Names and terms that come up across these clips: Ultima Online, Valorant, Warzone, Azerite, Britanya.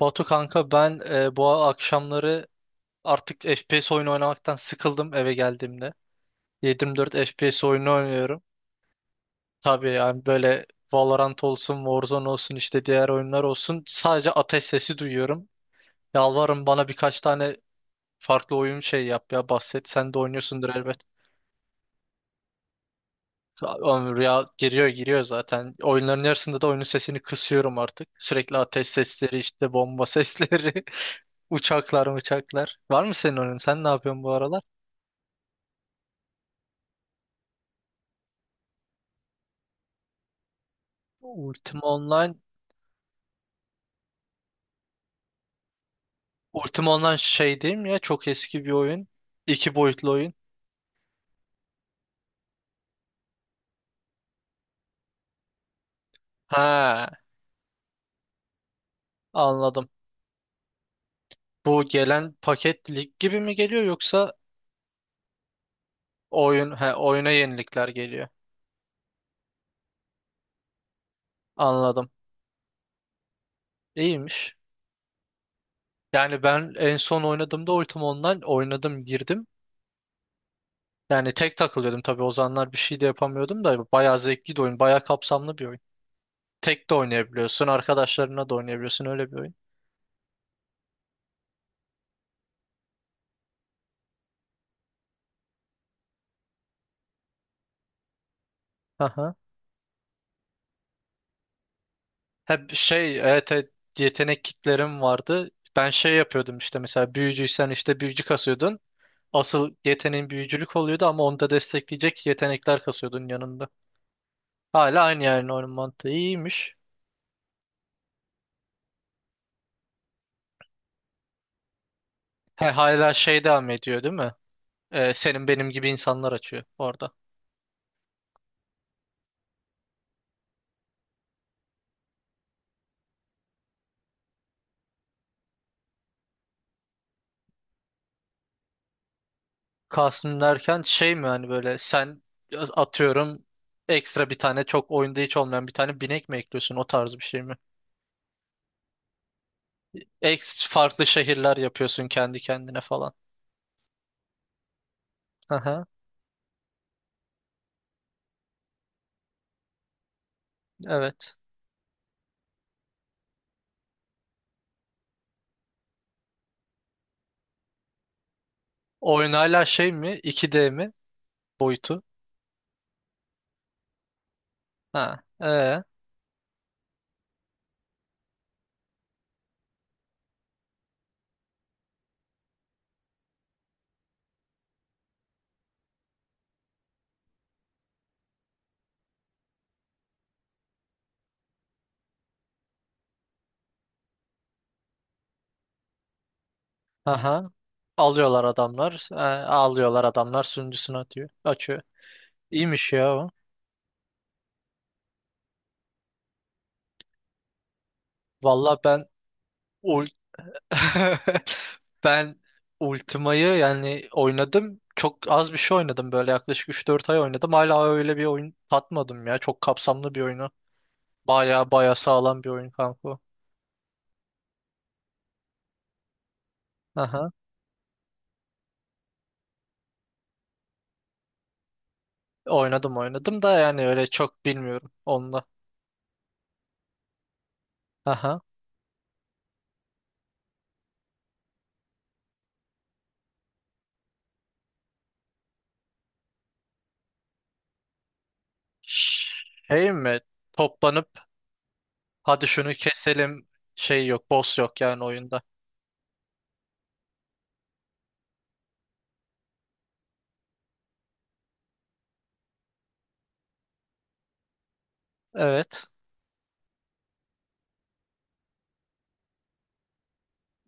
Batu kanka bu akşamları artık FPS oyunu oynamaktan sıkıldım eve geldiğimde. 7/24 FPS oyunu oynuyorum. Tabii yani böyle Valorant olsun, Warzone olsun işte diğer oyunlar olsun. Sadece ateş sesi duyuyorum. Yalvarırım bana birkaç tane farklı oyun şey yap ya bahset. Sen de oynuyorsundur elbet. Oğlum rüya giriyor zaten. Oyunların yarısında da oyunun sesini kısıyorum artık. Sürekli ateş sesleri işte bomba sesleri. Uçaklar. Var mı senin oyunun? Sen ne yapıyorsun bu aralar? Ultima Online. Ultima Online şey değil mi ya? Çok eski bir oyun. İki boyutlu oyun. Ha, anladım. Bu gelen paket lig gibi mi geliyor yoksa oyun oyuna yenilikler geliyor. Anladım. İyiymiş. Yani ben en son oynadığımda Ultima Online oynadım girdim. Yani tek takılıyordum tabii o zamanlar bir şey de yapamıyordum da bayağı zevkli de oyun, bayağı kapsamlı bir oyun. Tek de oynayabiliyorsun, arkadaşlarına da oynayabiliyorsun öyle bir oyun. Aha. Hep şey evet, evet, yetenek kitlerim vardı. Ben şey yapıyordum işte mesela büyücüysen işte büyücü kasıyordun. Asıl yeteneğin büyücülük oluyordu ama onu da destekleyecek yetenekler kasıyordun yanında. Hala aynı yani onun mantığı iyiymiş. He, hala şey devam ediyor değil mi? Senin benim gibi insanlar açıyor orada. Kalsın derken şey mi hani böyle sen atıyorum ekstra bir tane çok oyunda hiç olmayan bir tane binek mi ekliyorsun o tarz bir şey mi? Ex farklı şehirler yapıyorsun kendi kendine falan. Aha, evet. Oyun hala şey mi? 2D mi? Boyutu. Ha, aha. Alıyorlar adamlar. Alıyorlar adamlar sunucusunu atıyor. Açıyor. İyiymiş ya o. Valla ben ul ben Ultima'yı yani oynadım. Çok az bir şey oynadım böyle yaklaşık üç dört ay oynadım. Hala öyle bir oyun tatmadım ya. Çok kapsamlı bir oyunu. Baya baya sağlam bir oyun kanka. O. Aha. Oynadım da yani öyle çok bilmiyorum onunla. Aha. Şey mi? Toplanıp hadi şunu keselim şey yok, boss yok yani oyunda. Evet.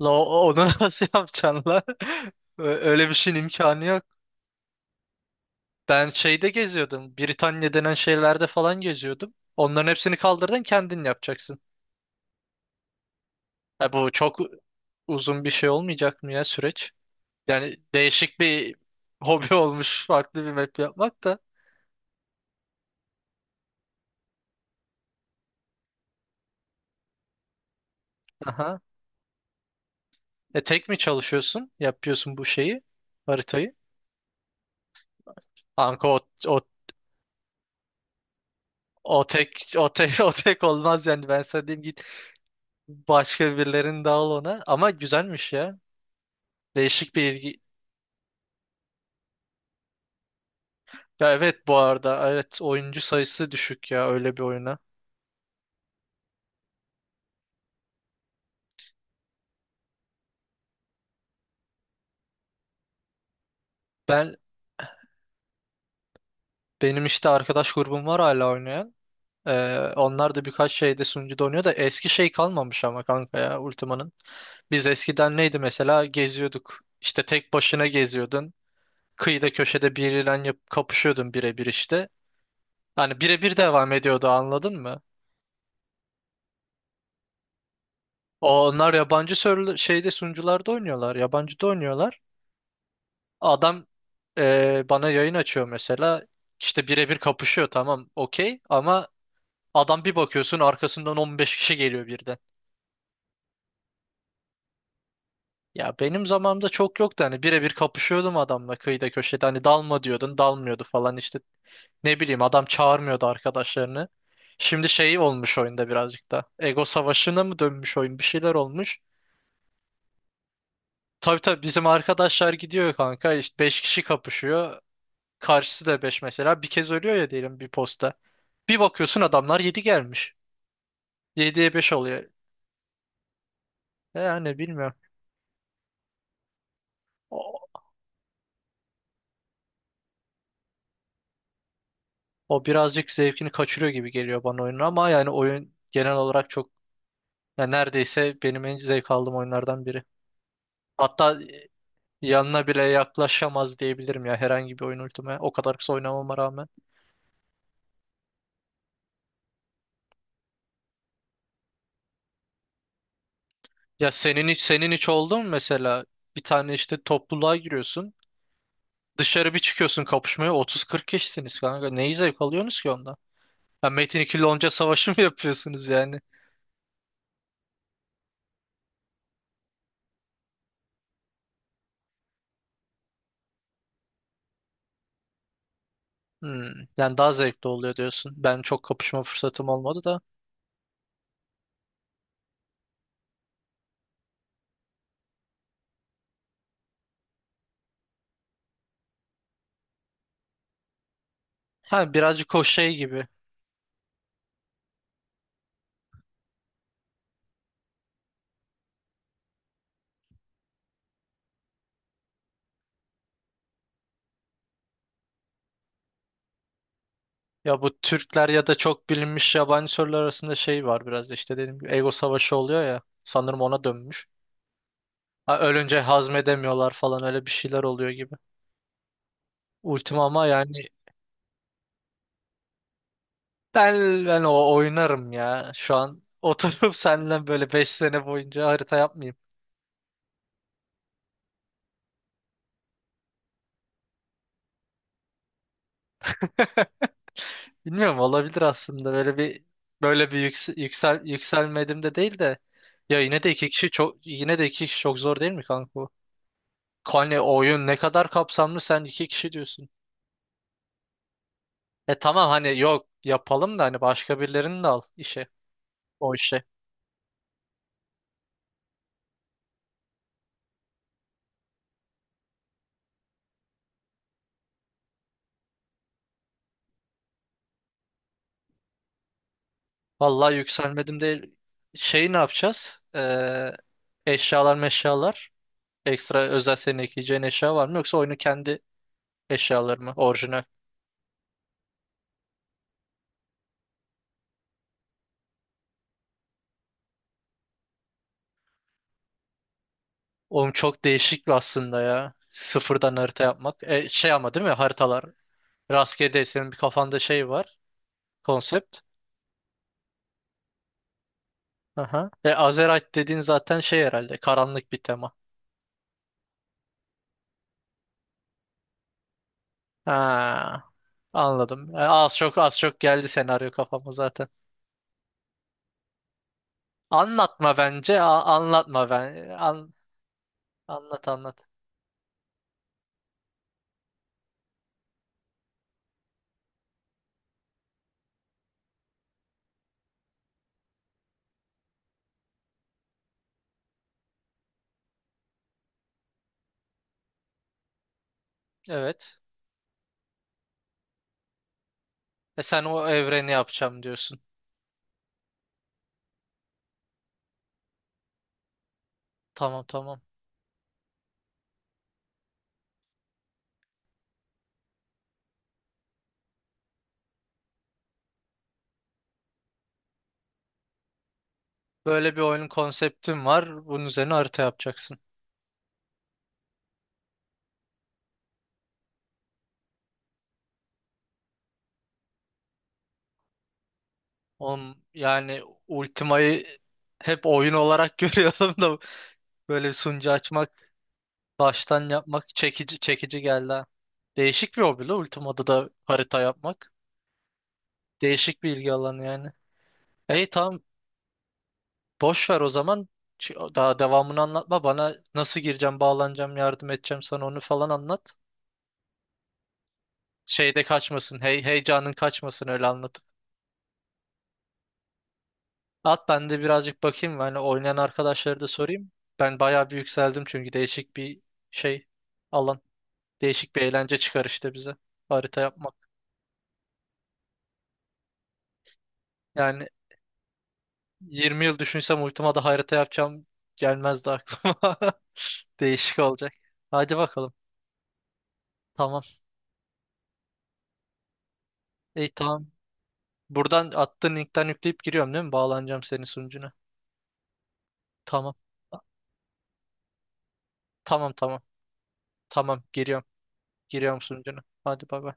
La, onu nasıl yapacaksın la? Ö- Öyle bir şeyin imkanı yok. Ben şeyde geziyordum. Britanya denen şeylerde falan geziyordum. Onların hepsini kaldırdın kendin yapacaksın. Ya bu çok uzun bir şey olmayacak mı ya süreç? Yani değişik bir hobi olmuş farklı bir map yapmak da. Aha. E tek mi çalışıyorsun? Yapıyorsun bu şeyi, haritayı. Kanka o, o tek o tek olmaz yani ben sana diyeyim git başka birilerinin dağıl ona ama güzelmiş ya. Değişik bir ilgi. Ya evet, bu arada evet oyuncu sayısı düşük ya öyle bir oyuna. Ben benim işte arkadaş grubum var hala oynayan. Onlar da birkaç şeyde sunucuda oynuyor da eski şey kalmamış ama kanka ya Ultima'nın. Biz eskiden neydi mesela geziyorduk. İşte tek başına geziyordun. Kıyıda köşede biriyle yap kapışıyordum birebir işte. Hani birebir devam ediyordu anladın mı? Onlar yabancı sörlü şeyde sunucularda oynuyorlar. Yabancıda oynuyorlar. Adam bana yayın açıyor mesela. İşte birebir kapışıyor tamam okey ama adam bir bakıyorsun arkasından 15 kişi geliyor birden. Ya benim zamanımda çok yoktu hani birebir kapışıyordum adamla kıyıda köşede hani dalma diyordun dalmıyordu falan işte. Ne bileyim adam çağırmıyordu arkadaşlarını. Şimdi şey olmuş oyunda birazcık da. Ego savaşına mı dönmüş oyun? Bir şeyler olmuş. Tabii tabii bizim arkadaşlar gidiyor kanka. İşte 5 kişi kapışıyor. Karşısı da 5 mesela. Bir kez ölüyor ya diyelim bir posta. Bir bakıyorsun adamlar 7 gelmiş. Yediye 5 oluyor. Yani bilmiyorum. O, o birazcık zevkini kaçırıyor gibi geliyor bana oyunun ama yani oyun genel olarak çok, yani neredeyse benim en zevk aldığım oyunlardan biri. Hatta yanına bile yaklaşamaz diyebilirim ya herhangi bir oyun ultime. O kadar kısa oynamama rağmen. Senin hiç oldu mu mesela? Bir tane işte topluluğa giriyorsun. Dışarı bir çıkıyorsun kapışmaya 30-40 kişisiniz kanka. Neyi zevk alıyorsunuz ki ondan? Ya Metin ikili onca savaşı mı yapıyorsunuz yani? Hmm, yani daha zevkli oluyor diyorsun. Ben çok kapışma fırsatım olmadı da. Ha, birazcık o şey gibi. Ya bu Türkler ya da çok bilinmiş yabancı sorular arasında şey var biraz da işte dediğim gibi ego savaşı oluyor ya. Sanırım ona dönmüş. Ha, ölünce hazmedemiyorlar falan öyle bir şeyler oluyor gibi. Ultima ama yani ben o oynarım ya. Şu an oturup seninle böyle 5 sene boyunca harita yapmayayım. Bilmiyorum olabilir aslında böyle bir yükselmedim de değil de yine de iki kişi çok zor değil mi kanka bu? Hani oyun ne kadar kapsamlı sen iki kişi diyorsun. E tamam hani yok yapalım da hani başka birilerini de al işe. O işe. Vallahi yükselmedim değil. Şeyi ne yapacağız? Eşyalar meşyalar. Ekstra özel senin ekleyeceğin eşya var mı? Yoksa oyunu kendi eşyaları mı? Orijinal. Oğlum çok değişik aslında ya. Sıfırdan harita yapmak. E, şey ama değil mi? Haritalar. Rastgele değil. Senin bir kafanda şey var. Konsept. Aha. E, Azerite dediğin zaten şey herhalde. Karanlık bir tema. Ha, anladım. E, az çok geldi senaryo kafama zaten. Anlatma bence. Anlatma ben. Anlat anlat. Evet. E sen o evreni yapacağım diyorsun. Tamam tamam. Böyle bir oyunun konseptim var. Bunun üzerine harita yapacaksın. Oğlum, yani Ultima'yı hep oyun olarak görüyordum da böyle bir sunucu açmak, baştan yapmak çekici geldi ha. Değişik bir hobi la Ultima'da da harita yapmak. Değişik bir ilgi alanı yani. E, İyi tamam boş ver o zaman. Daha devamını anlatma bana, nasıl gireceğim, bağlanacağım, yardım edeceğim sana onu falan anlat. Şeyde kaçmasın. Hey, heyecanın kaçmasın öyle anlatıp. At ben de birazcık bakayım. Yani oynayan arkadaşları da sorayım. Ben bayağı bir yükseldim çünkü değişik bir şey alan. Değişik bir eğlence çıkar işte bize. Harita yapmak. Yani 20 yıl düşünsem ultima harita yapacağım gelmezdi aklıma. Değişik olacak. Hadi bakalım. Tamam. İyi tamam. Buradan attığın linkten yükleyip giriyorum değil mi? Bağlanacağım senin sunucuna. Tamam. Tamam tamam. Tamam giriyorum. Giriyorum sunucuna. Hadi bay bay.